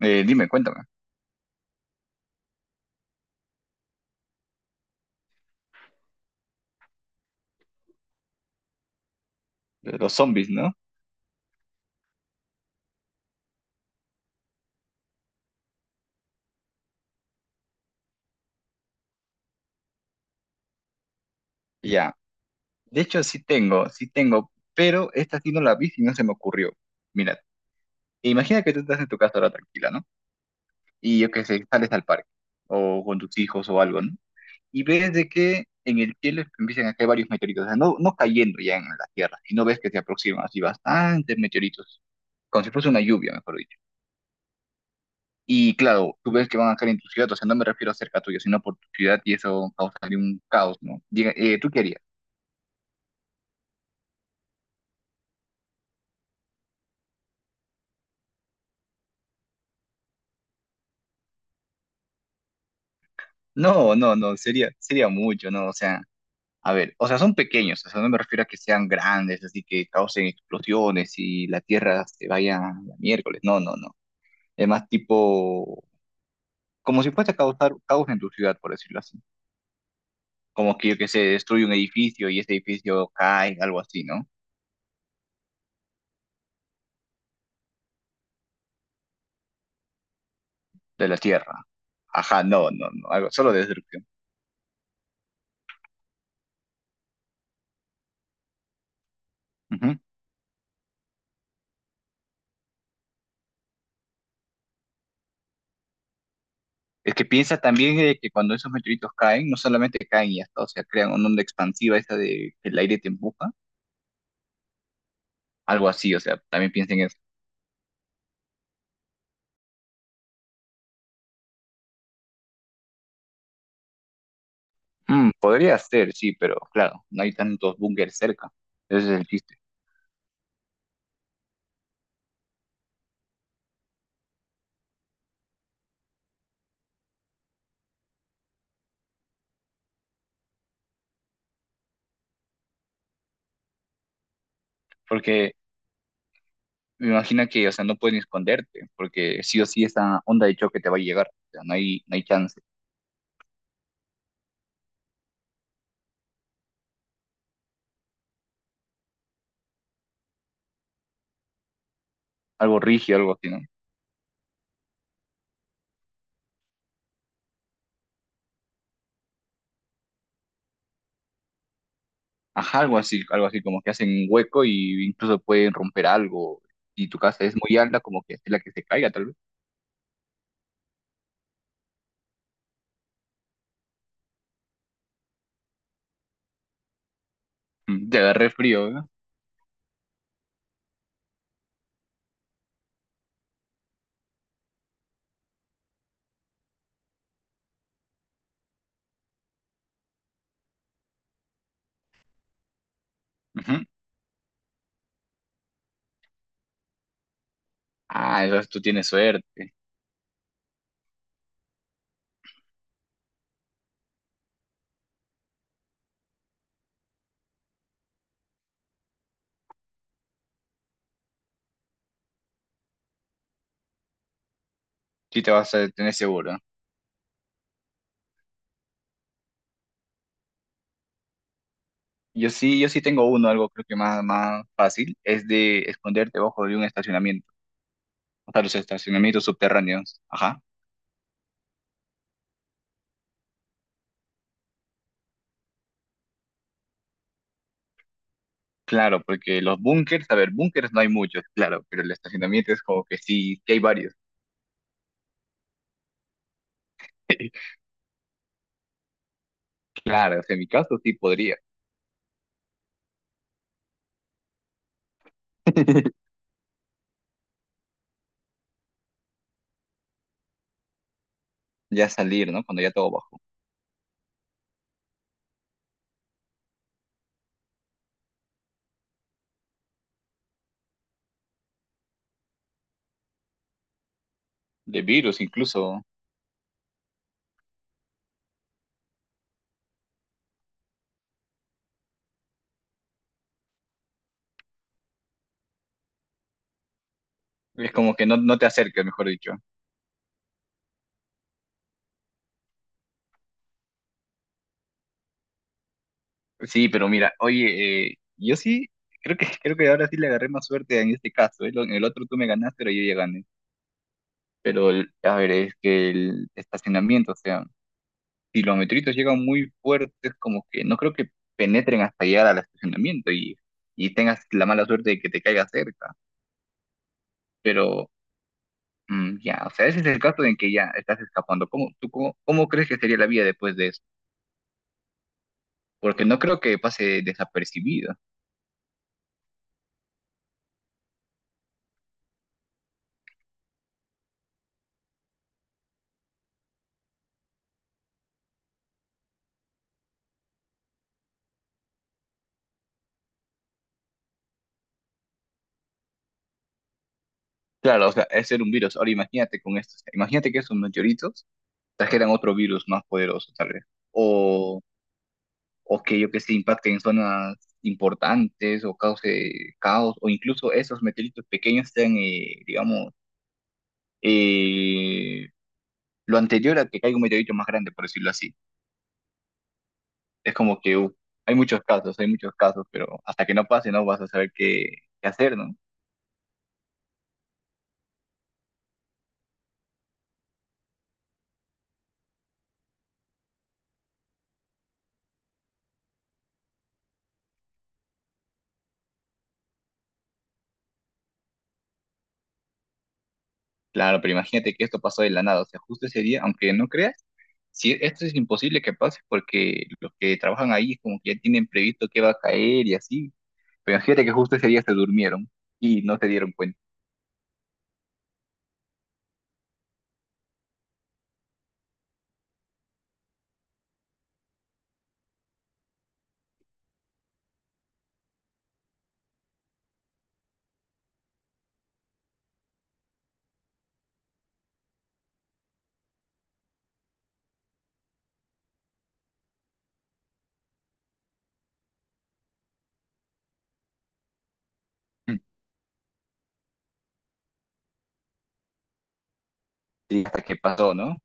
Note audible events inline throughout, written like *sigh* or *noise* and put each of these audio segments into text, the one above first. Dime, cuéntame. De los zombies, ¿no? Ya. De hecho, sí tengo, pero esta sí no la vi y no se me ocurrió. Mira, imagina que tú estás en tu casa ahora tranquila, ¿no? Y yo que sé, sales al parque o con tus hijos o algo, ¿no? Y ves de que en el cielo empiezan a caer varios meteoritos, o sea, no cayendo ya en la Tierra, y no ves que se aproximan así bastantes meteoritos, como si fuese una lluvia, mejor dicho. Y claro, tú ves que van a caer en tu ciudad, o sea, no me refiero a cerca tuyo, sino por tu ciudad y eso causaría un caos, ¿no? Diga, ¿tú qué harías? No, no, no, sería mucho, ¿no? O sea, a ver, o sea, son pequeños, o sea, no me refiero a que sean grandes, así que causen explosiones y la Tierra se vaya a la miércoles, no, no, no. Es más tipo, como si fuese a causar caos en tu ciudad, por decirlo así. Como que yo que se destruye un edificio y ese edificio cae, algo así, ¿no? De la Tierra. Ajá, no, no, no, algo, solo de destrucción. Ujú. Es que piensa también que cuando esos meteoritos caen, no solamente caen y hasta, o sea, crean una onda expansiva esa de que el aire te empuja. Algo así, o sea, también piensen eso. Mm, podría ser, sí, pero claro, no hay tantos búnkeres cerca. Ese es el chiste. Porque me imagino que, o sea, no pueden esconderte, porque sí o sí esa onda de choque te va a llegar. O sea, no hay chance. Algo rígido, algo así, ¿no? Ajá, algo así, como que hacen un hueco y incluso pueden romper algo. Y tu casa es muy alta, como que es la que se caiga, tal vez. Mm, te agarré frío, ¿verdad? Ujú. Ah, entonces tú tienes suerte. Sí te vas a tener seguro. Yo sí tengo uno, algo creo que más, más fácil, es de esconderte bajo de un estacionamiento, o sea, los estacionamientos subterráneos. Ajá. Claro, porque los búnkers, a ver, búnkers no hay muchos, claro, pero el estacionamiento es como que sí, que hay varios. *laughs* Claro, o sea, en mi caso sí podría *laughs* ya salir, ¿no? Cuando ya todo bajo. De virus incluso. Es como que no, no te acerques, mejor dicho. Sí, pero mira, oye, yo sí, creo que ahora sí le agarré más suerte en este caso, ¿eh? Lo- En el otro tú me ganaste, pero yo ya gané. Pero el- a ver, es que el estacionamiento, o sea, si los meteoritos llegan muy fuertes, como que no creo que penetren hasta llegar al estacionamiento y tengas la mala suerte de que te caiga cerca, pero mm, ya, o sea, ese es el caso en que ya estás escapando. ¿Cómo, tú, cómo crees que sería la vida después de eso? Porque no creo que pase desapercibido. Claro, o sea, es ser un virus. Ahora imagínate con esto, o sea, imagínate que esos meteoritos trajeran otro virus más poderoso, tal vez. O que yo que sé, impacte en zonas importantes o cause caos, o incluso esos meteoritos pequeños sean, digamos, eh, lo anterior a que caiga un meteorito más grande, por decirlo así. Es como que hay muchos casos, pero hasta que no pase no vas a saber qué, qué hacer, ¿no? Claro, pero imagínate que esto pasó de la nada, o sea, justo ese día, aunque no creas, si esto es imposible que pase porque los que trabajan ahí como que ya tienen previsto que va a caer y así, pero imagínate que justo ese día se durmieron y no se dieron cuenta. Y hasta que pasó, ¿no?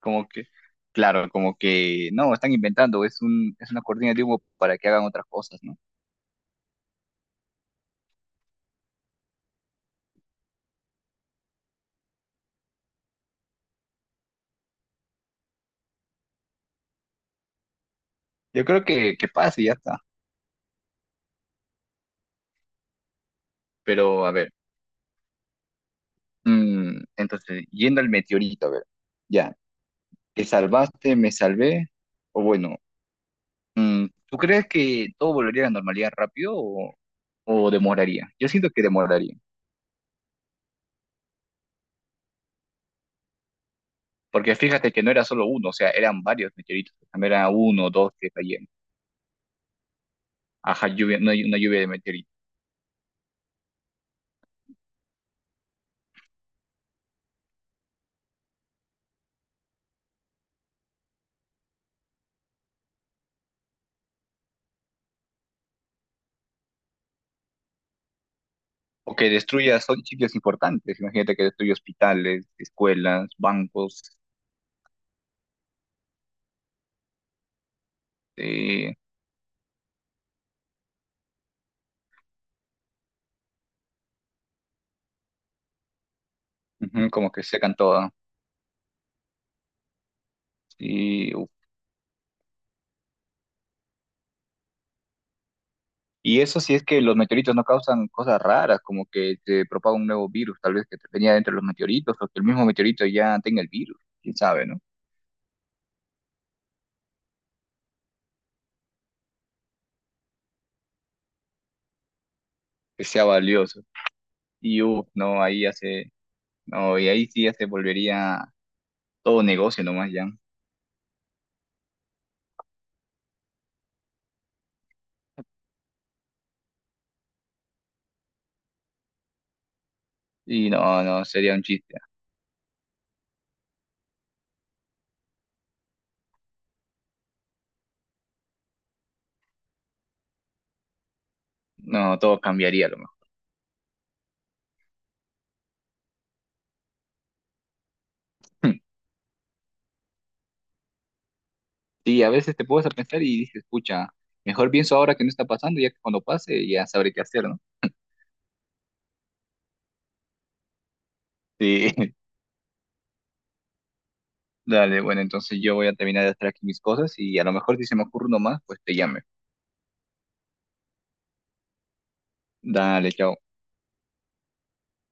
Como que, claro, como que no, están inventando, es una cortina de humo para que hagan otras cosas, ¿no? Yo creo que pasa y ya está. Pero a ver, mm, entonces, yendo al meteorito, a ver, ya, ¿te salvaste, me salvé? O bueno, mm, ¿tú crees que todo volvería a la normalidad rápido o demoraría? Yo siento que demoraría. Porque fíjate que no era solo uno, o sea, eran varios meteoritos. También era uno, dos que caían. Ajá, lluvia, una lluvia de meteoritos. O que destruya, son sitios importantes. Imagínate que destruye hospitales, escuelas, bancos, eh, ujú, como que secan todo. Y, uf. Y eso si es que los meteoritos no causan cosas raras, como que se propaga un nuevo virus, tal vez que venía dentro de los meteoritos, o que el mismo meteorito ya tenga el virus, quién sabe, ¿no? Que sea valioso. Y uf, no, ahí ya se, no, y ahí sí ya se volvería todo negocio nomás ya. Y no, no, sería un chiste. No, todo cambiaría a lo mejor. *laughs* Sí, a veces te puedes a pensar y dices, escucha, mejor pienso ahora que no está pasando, ya que cuando pase ya sabré qué hacer, ¿no? Sí, *laughs* dale, bueno, entonces yo voy a terminar de hacer aquí mis cosas y a lo mejor si se me ocurre uno más, pues te llame. Dale, chao.